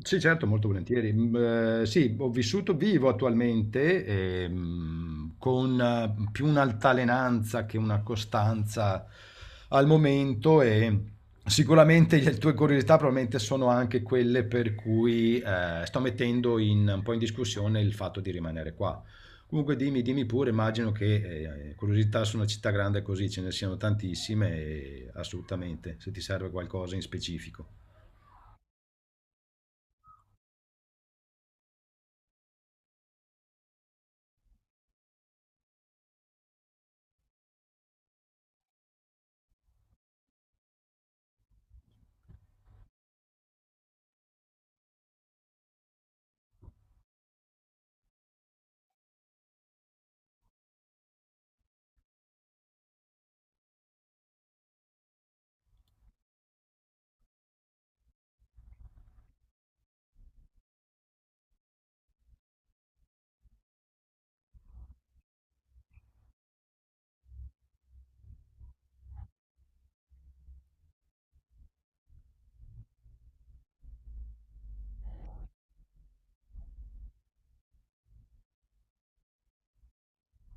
Sì, certo, molto volentieri. Mm, sì, ho vissuto, vivo attualmente con più un'altalenanza che una costanza al momento e sicuramente le tue curiosità probabilmente sono anche quelle per cui sto mettendo un po' in discussione il fatto di rimanere qua. Comunque dimmi, dimmi pure, immagino che curiosità su una città grande così ce ne siano tantissime e assolutamente, se ti serve qualcosa in specifico.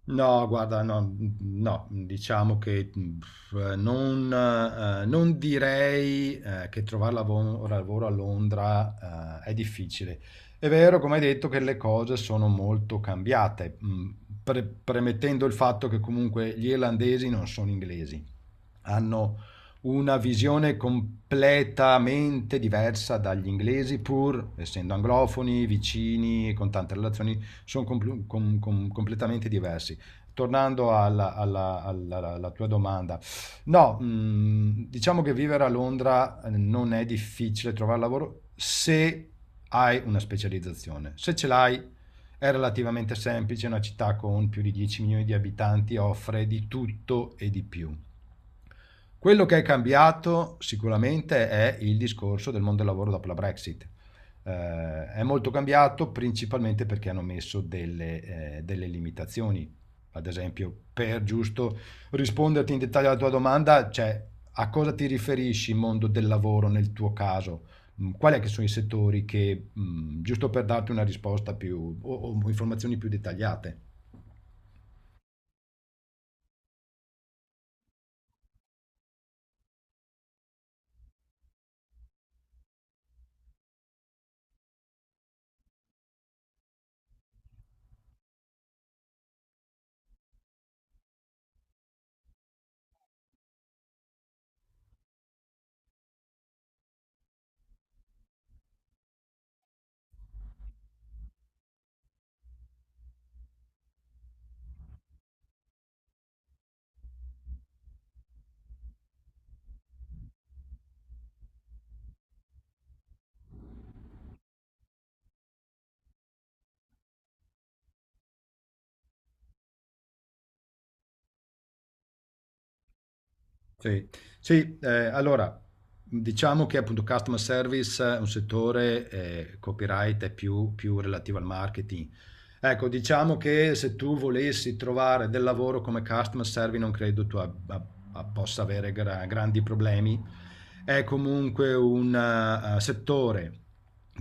No, guarda, no, no, diciamo che non direi che trovare lavoro a Londra è difficile. È vero, come hai detto, che le cose sono molto cambiate, premettendo il fatto che comunque gli irlandesi non sono inglesi, hanno una visione completamente diversa dagli inglesi, pur essendo anglofoni, vicini e con tante relazioni, sono completamente diversi. Tornando alla tua domanda, no, diciamo che vivere a Londra non è difficile trovare lavoro se hai una specializzazione. Se ce l'hai, è relativamente semplice, una città con più di 10 milioni di abitanti offre di tutto e di più. Quello che è cambiato sicuramente è il discorso del mondo del lavoro dopo la Brexit. È molto cambiato principalmente perché hanno messo delle limitazioni. Ad esempio, per giusto risponderti in dettaglio alla tua domanda, cioè a cosa ti riferisci mondo del lavoro nel tuo caso? Quali è che sono i settori che, giusto per darti una risposta più o informazioni più dettagliate? Sì, sì, allora diciamo che appunto customer service è un settore, copyright è più relativo al marketing. Ecco, diciamo che se tu volessi trovare del lavoro come customer service non credo tu possa avere grandi problemi. È comunque un settore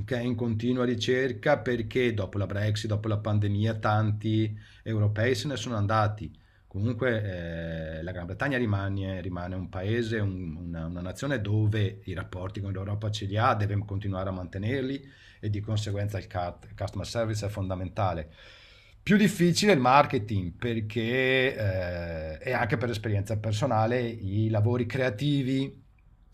che è in continua ricerca perché dopo la Brexit, dopo la pandemia, tanti europei se ne sono andati. Comunque la Gran Bretagna rimane un paese, una nazione dove i rapporti con l'Europa ce li ha, deve continuare a mantenerli e di conseguenza il customer service è fondamentale. Più difficile il marketing perché, e anche per esperienza personale, i lavori creativi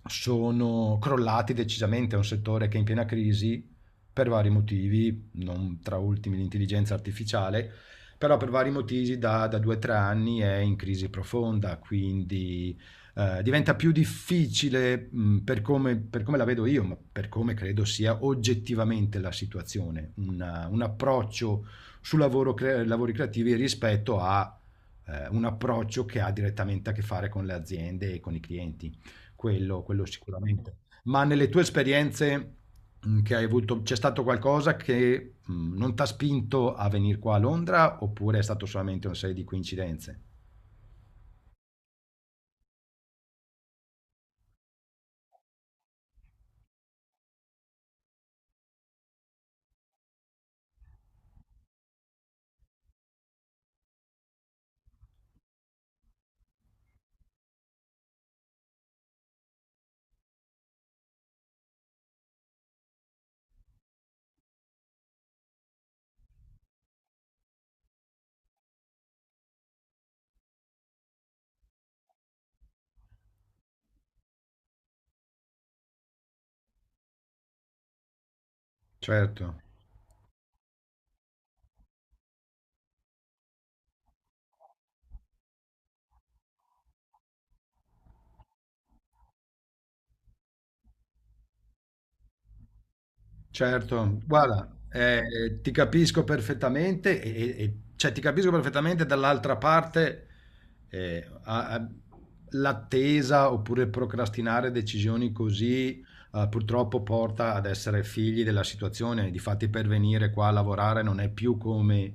sono crollati decisamente, è un settore che è in piena crisi per vari motivi, non tra ultimi l'intelligenza artificiale, però per vari motivi da 2 o 3 anni è in crisi profonda, quindi diventa più difficile, per come la vedo io, ma per come credo sia oggettivamente la situazione, un approccio su lavori creativi rispetto a un approccio che ha direttamente a che fare con le aziende e con i clienti, quello sicuramente. Ma nelle tue esperienze che hai avuto, c'è stato qualcosa che, non t'ha spinto a venir qua a Londra, oppure è stato solamente un serie di coincidenze? Certo. Certo, guarda, ti capisco perfettamente, cioè ti capisco perfettamente dall'altra parte, eh, a- a- l'attesa oppure procrastinare decisioni così purtroppo porta ad essere figli della situazione. Difatti per venire qua a lavorare non è più come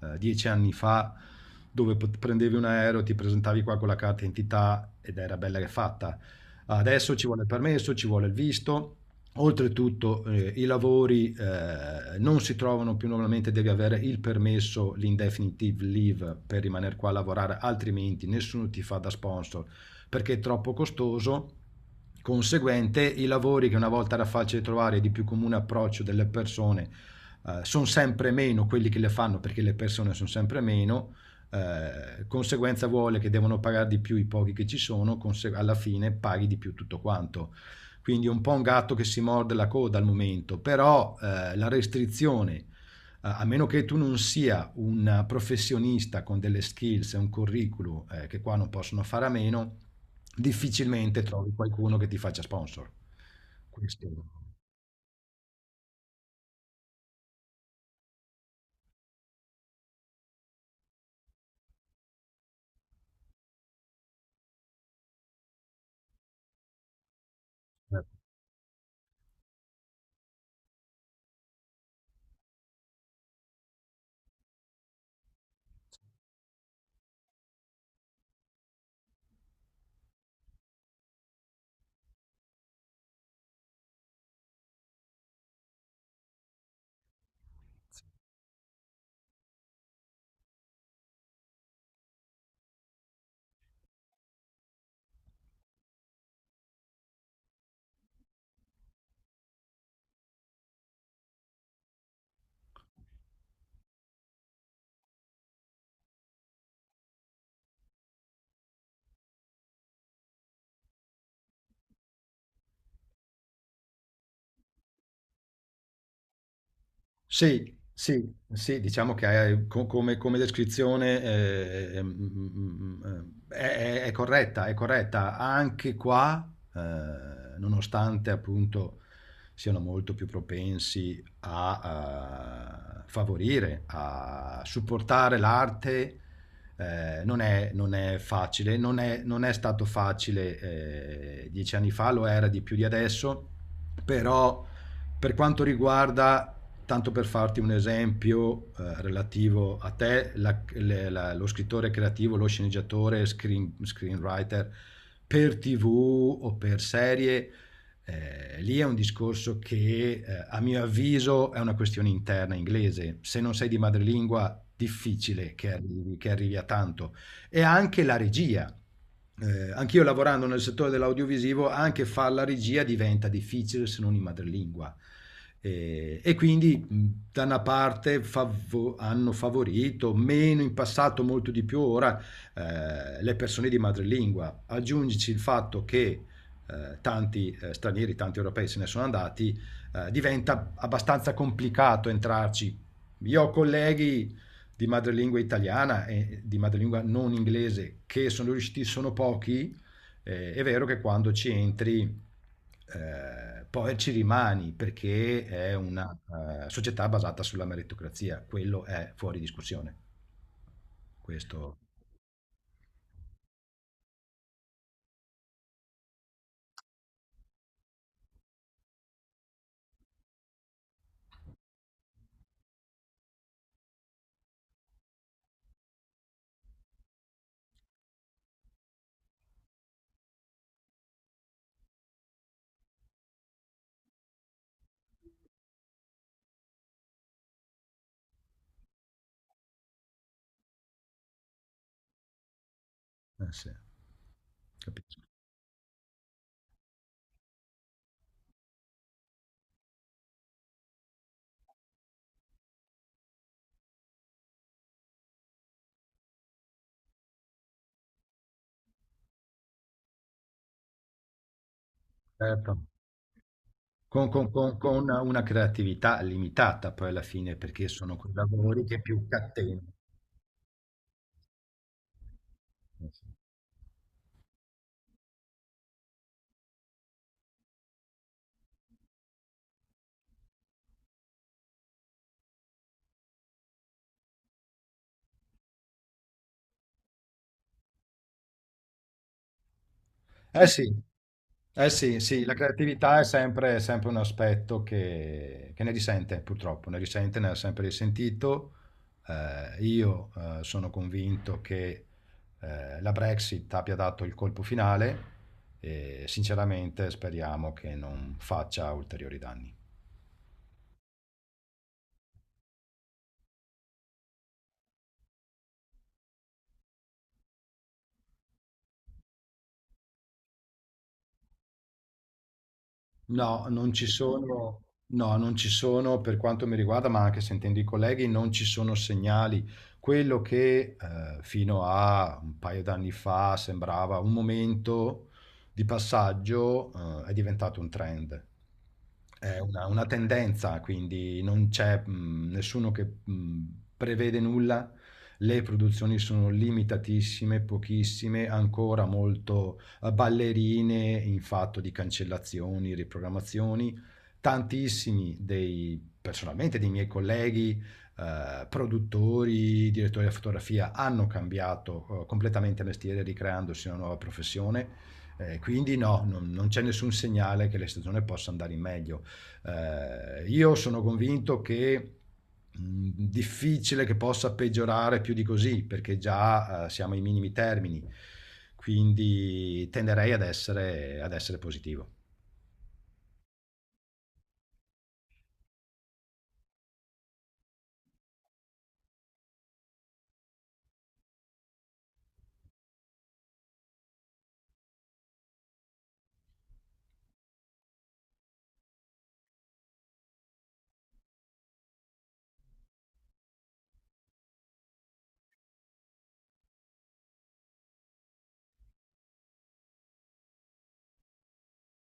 10 anni fa, dove prendevi un aereo, ti presentavi qua con la carta d'identità ed era bella che fatta. Adesso ci vuole il permesso, ci vuole il visto. Oltretutto i lavori non si trovano più normalmente, devi avere il permesso, l'indefinitive leave per rimanere qua a lavorare, altrimenti nessuno ti fa da sponsor perché è troppo costoso. Conseguente, i lavori che una volta era facile trovare e di più comune approccio delle persone sono sempre meno quelli che le fanno perché le persone sono sempre meno. Conseguenza vuole che devono pagare di più i pochi che ci sono, alla fine paghi di più tutto quanto. Quindi un po' un gatto che si morde la coda al momento, però la restrizione, a meno che tu non sia un professionista con delle skills e un curriculum che qua non possono fare a meno, difficilmente trovi qualcuno che ti faccia sponsor. Questo, eh. Sì, sì, sì, diciamo che come descrizione eh, mm, mm, è corretta, è corretta. Anche qua, nonostante appunto siano molto più propensi a, favorire, a supportare l'arte, non è facile, non è stato facile 10 anni fa, lo era di più di adesso, però per quanto riguarda, tanto per farti un esempio relativo a te, lo scrittore creativo, lo sceneggiatore, screenwriter per TV o per serie, lì è un discorso che a mio avviso è una questione interna inglese. Se non sei di madrelingua, difficile che arrivi, a tanto. E anche la regia, anch'io lavorando nel settore dell'audiovisivo, anche fare la regia diventa difficile se non in madrelingua. Quindi da una parte hanno favorito, meno in passato, molto di più ora, le persone di madrelingua. Aggiungici il fatto che tanti stranieri, tanti europei se ne sono andati, diventa abbastanza complicato entrarci. Io ho colleghi di madrelingua italiana e di madrelingua non inglese che sono riusciti, sono pochi, è vero che quando ci entri poi ci rimani perché è una società basata sulla meritocrazia, quello è fuori discussione. Questo, eh sì, capisco. Certo. Con una creatività limitata poi alla fine, perché sono quei lavori che più catena. Eh sì, eh sì. Eh sì, sì, la creatività è sempre un aspetto che ne risente, purtroppo, ne risente, ne ha sempre risentito. Io sono convinto che la Brexit abbia dato il colpo finale e sinceramente speriamo che non faccia ulteriori danni. No, non ci sono, no, non ci sono per quanto mi riguarda, ma anche sentendo i colleghi, non ci sono segnali. Quello che fino a un paio d'anni fa sembrava un momento di passaggio è diventato un trend. È una tendenza, quindi non c'è nessuno che prevede nulla. Le produzioni sono limitatissime, pochissime, ancora molto ballerine in fatto di cancellazioni, riprogrammazioni. Tantissimi dei, personalmente, dei miei colleghi, produttori, direttori di fotografia, hanno cambiato completamente mestiere, ricreandosi una nuova professione. Quindi no, non c'è nessun segnale che la stagione possa andare in meglio. Io sono convinto che difficile che possa peggiorare più di così, perché già siamo ai minimi termini, quindi tenderei ad essere positivo.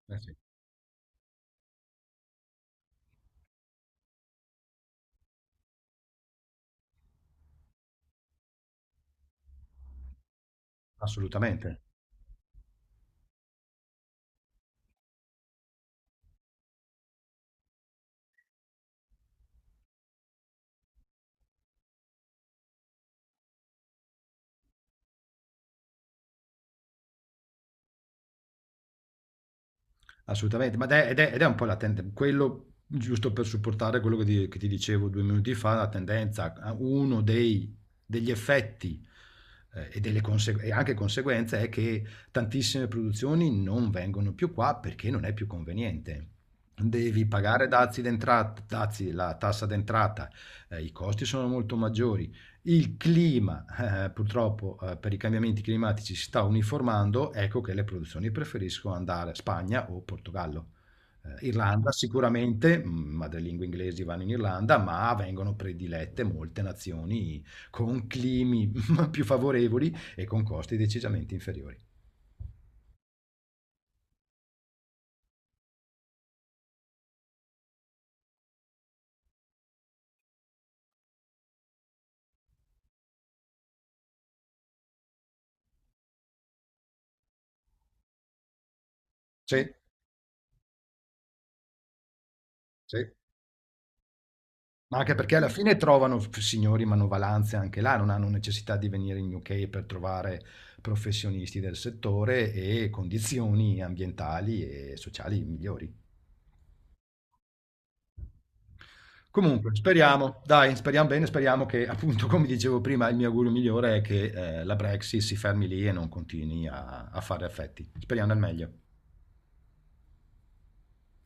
Eh sì, assolutamente. Assolutamente, ma ed è un po' la tendenza, quello giusto per supportare quello che ti dicevo 2 minuti fa, la tendenza, degli effetti e anche conseguenze è che tantissime produzioni non vengono più qua perché non è più conveniente. Devi pagare dazi d'entrata, dazi, la tassa d'entrata, i costi sono molto maggiori, il clima, purtroppo, per i cambiamenti climatici si sta uniformando, ecco che le produzioni preferiscono andare a Spagna o Portogallo. Irlanda sicuramente, madrelingua inglesi vanno in Irlanda, ma vengono predilette molte nazioni con climi più favorevoli e con costi decisamente inferiori. Sì, sì. Ma anche perché alla fine trovano f signori manovalanze anche là, non hanno necessità di venire in UK per trovare professionisti del settore e condizioni ambientali e sociali migliori. Comunque, speriamo, dai, speriamo bene, speriamo che appunto, come dicevo prima, il mio augurio migliore è che la Brexit si fermi lì e non continui a fare effetti. Speriamo nel meglio.